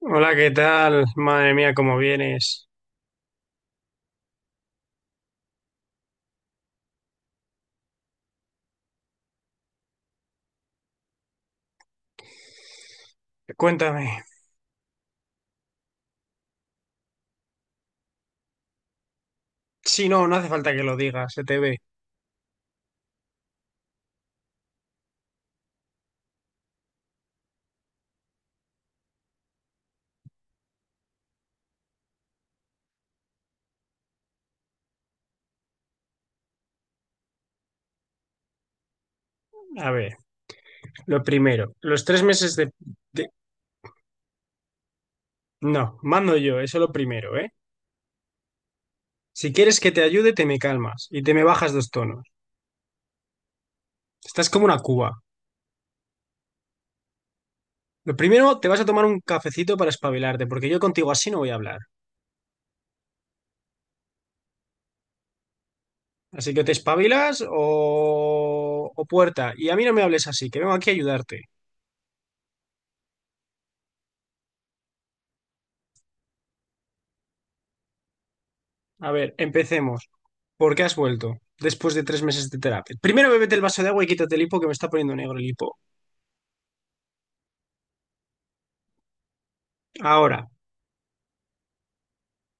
Hola, ¿qué tal? Madre mía, ¿cómo vienes? Cuéntame. Sí, no, no hace falta que lo digas, se te ve. A ver, lo primero, los 3 meses de, de- No, mando yo, eso lo primero, ¿eh? Si quieres que te ayude, te me calmas y te me bajas dos tonos. Estás como una cuba. Lo primero, te vas a tomar un cafecito para espabilarte, porque yo contigo así no voy a hablar. Así que te espabilas o puerta. Y a mí no me hables así, que vengo aquí a ayudarte. A ver, empecemos. ¿Por qué has vuelto después de 3 meses de terapia? Primero bébete el vaso de agua y quítate el hipo que me está poniendo negro el hipo. Ahora,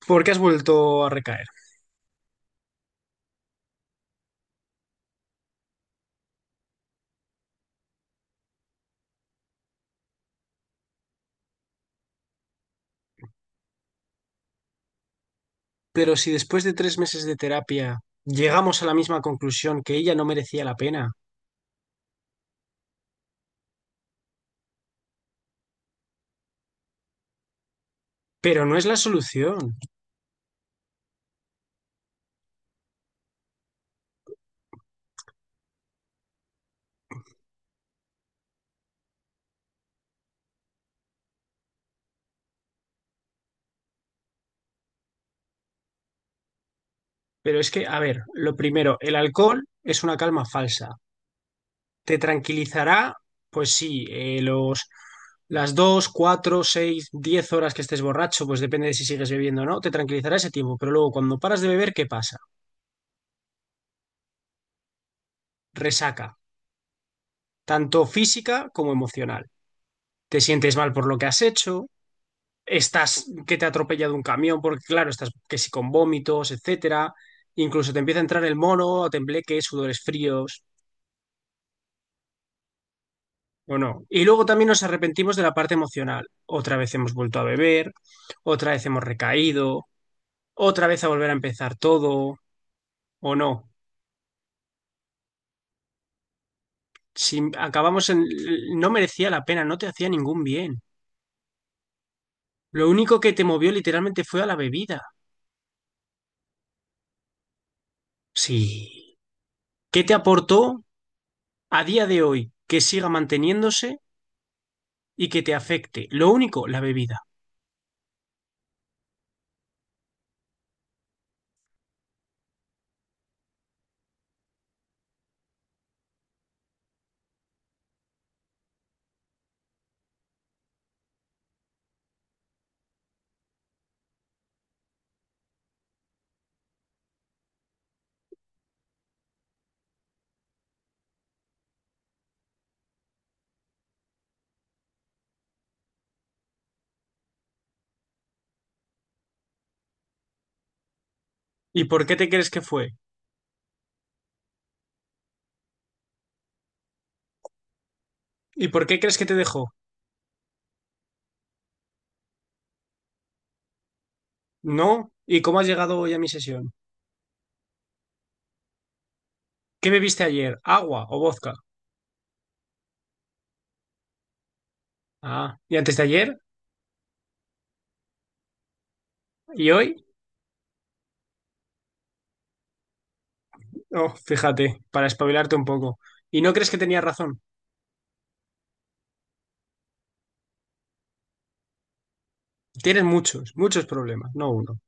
¿por qué has vuelto a recaer? Pero si después de 3 meses de terapia llegamos a la misma conclusión que ella no merecía la pena, pero no es la solución. Pero es que, a ver, lo primero, el alcohol es una calma falsa. ¿Te tranquilizará? Pues sí, las 2, 4, 6, 10 horas que estés borracho, pues depende de si sigues bebiendo o no, te tranquilizará ese tiempo. Pero luego, cuando paras de beber, ¿qué pasa? Resaca, tanto física como emocional. Te sientes mal por lo que has hecho, estás que te ha atropellado un camión, porque claro, estás que si con vómitos, etcétera. Incluso te empieza a entrar el mono, tembleques, sudores fríos, o no. Y luego también nos arrepentimos de la parte emocional. Otra vez hemos vuelto a beber, otra vez hemos recaído, otra vez a volver a empezar todo, o no. Si acabamos en... No merecía la pena, no te hacía ningún bien. Lo único que te movió literalmente fue a la bebida. Sí. ¿Qué te aportó a día de hoy que siga manteniéndose y que te afecte? Lo único, la bebida. ¿Y por qué te crees que fue? ¿Y por qué crees que te dejó? No. ¿Y cómo has llegado hoy a mi sesión? ¿Qué bebiste ayer? ¿Agua o vodka? Ah, ¿y antes de ayer? ¿Y hoy? Oh, fíjate, para espabilarte un poco. ¿Y no crees que tenías razón? Tienes muchos, muchos problemas, no uno.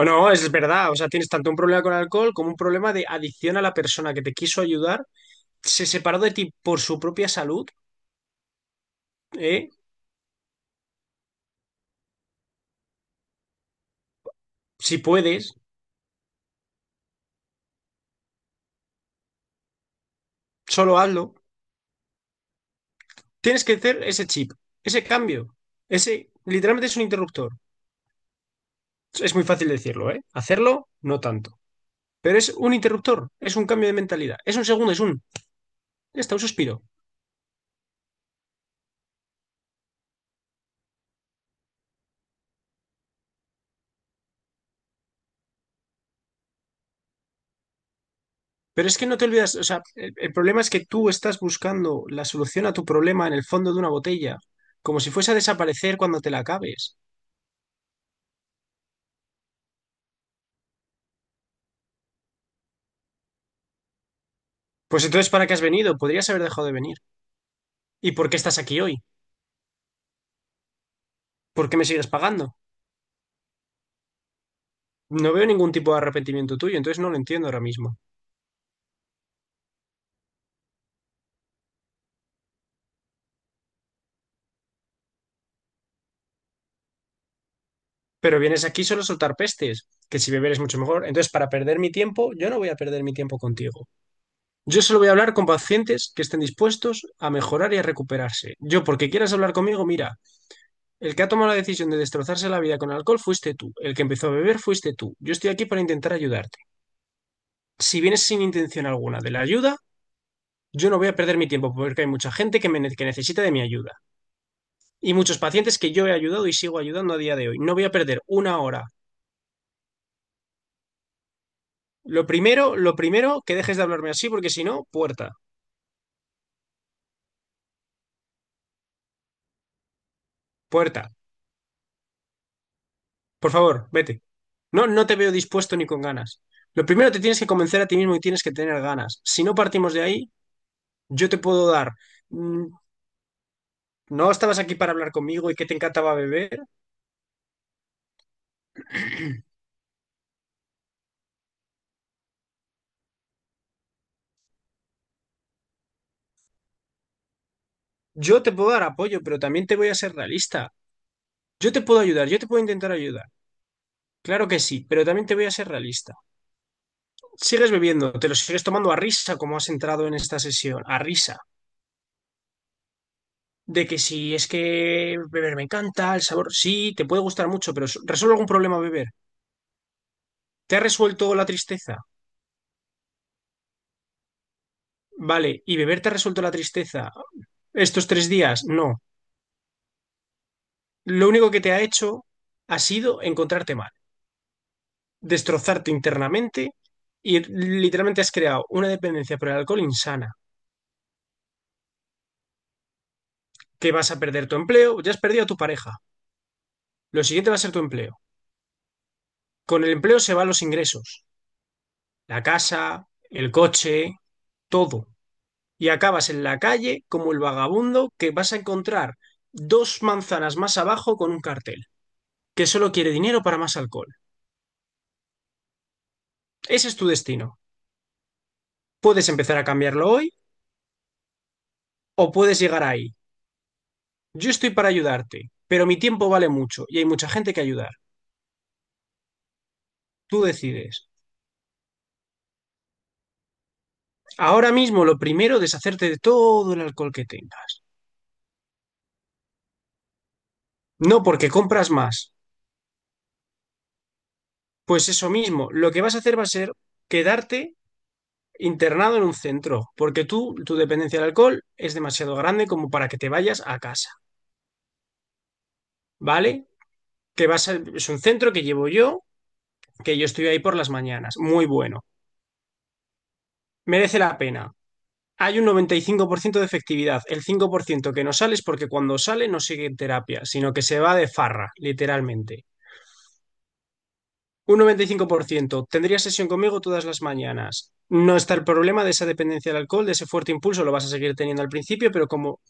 O no, es verdad, o sea, tienes tanto un problema con el alcohol como un problema de adicción a la persona que te quiso ayudar, se separó de ti por su propia salud, ¿eh? Si puedes, solo hazlo. Tienes que hacer ese chip, ese cambio. Ese literalmente es un interruptor. Es muy fácil decirlo, ¿eh? Hacerlo, no tanto. Pero es un interruptor, es un cambio de mentalidad. Es un segundo, es un. Ya está, un suspiro. Pero es que no te olvidas, o sea, el problema es que tú estás buscando la solución a tu problema en el fondo de una botella, como si fuese a desaparecer cuando te la acabes. Pues entonces, ¿para qué has venido? Podrías haber dejado de venir. ¿Y por qué estás aquí hoy? ¿Por qué me sigues pagando? No veo ningún tipo de arrepentimiento tuyo, entonces no lo entiendo ahora mismo. Pero vienes aquí solo a soltar pestes, que si beber es mucho mejor. Entonces, para perder mi tiempo, yo no voy a perder mi tiempo contigo. Yo solo voy a hablar con pacientes que estén dispuestos a mejorar y a recuperarse. Yo, porque quieras hablar conmigo, mira, el que ha tomado la decisión de destrozarse la vida con alcohol fuiste tú. El que empezó a beber fuiste tú. Yo estoy aquí para intentar ayudarte. Si vienes sin intención alguna de la ayuda, yo no voy a perder mi tiempo porque hay mucha gente que, me que necesita de mi ayuda. Y muchos pacientes que yo he ayudado y sigo ayudando a día de hoy. No voy a perder una hora. Lo primero, que dejes de hablarme así, porque si no, puerta, puerta. Por favor, vete. No, no te veo dispuesto ni con ganas. Lo primero te tienes que convencer a ti mismo y tienes que tener ganas. Si no partimos de ahí, yo te puedo dar. mm, No estabas aquí para hablar conmigo y que te encantaba beber. Yo te puedo dar apoyo, pero también te voy a ser realista. Yo te puedo ayudar, yo te puedo intentar ayudar. Claro que sí, pero también te voy a ser realista. Sigues bebiendo, te lo sigues tomando a risa como has entrado en esta sesión, a risa, de que si es que beber me encanta, el sabor sí, te puede gustar mucho, pero resuelve algún problema beber. ¿Te ha resuelto la tristeza? Vale, ¿y beber te ha resuelto la tristeza estos 3 días? No. Lo único que te ha hecho ha sido encontrarte mal, destrozarte internamente y literalmente has creado una dependencia por el alcohol insana, que vas a perder tu empleo, ya has perdido a tu pareja. Lo siguiente va a ser tu empleo. Con el empleo se van los ingresos, la casa, el coche, todo, y acabas en la calle como el vagabundo que vas a encontrar dos manzanas más abajo con un cartel que solo quiere dinero para más alcohol. Ese es tu destino. Puedes empezar a cambiarlo hoy o puedes llegar ahí. Yo estoy para ayudarte, pero mi tiempo vale mucho y hay mucha gente que ayudar. Tú decides. Ahora mismo lo primero, es deshacerte de todo el alcohol que tengas. No porque compras más. Pues eso mismo, lo que vas a hacer va a ser quedarte internado en un centro, porque tú, tu dependencia del alcohol es demasiado grande como para que te vayas a casa, ¿vale? Que es un centro que llevo yo, que yo estoy ahí por las mañanas, muy bueno, merece la pena. Hay un 95% de efectividad, el 5% que no sale es porque cuando sale no sigue en terapia, sino que se va de farra, literalmente. Un 95% tendría sesión conmigo todas las mañanas. No está el problema de esa dependencia del alcohol, de ese fuerte impulso, lo vas a seguir teniendo al principio, pero como.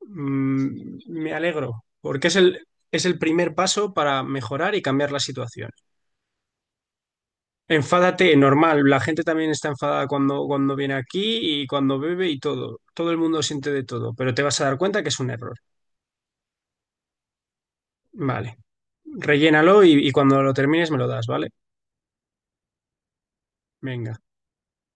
Me alegro, porque es el primer paso para mejorar y cambiar la situación. Enfádate, normal, la gente también está enfadada cuando viene aquí y cuando bebe y todo. Todo el mundo siente de todo, pero te vas a dar cuenta que es un error. Vale, rellénalo y cuando lo termines me lo das, ¿vale? Venga.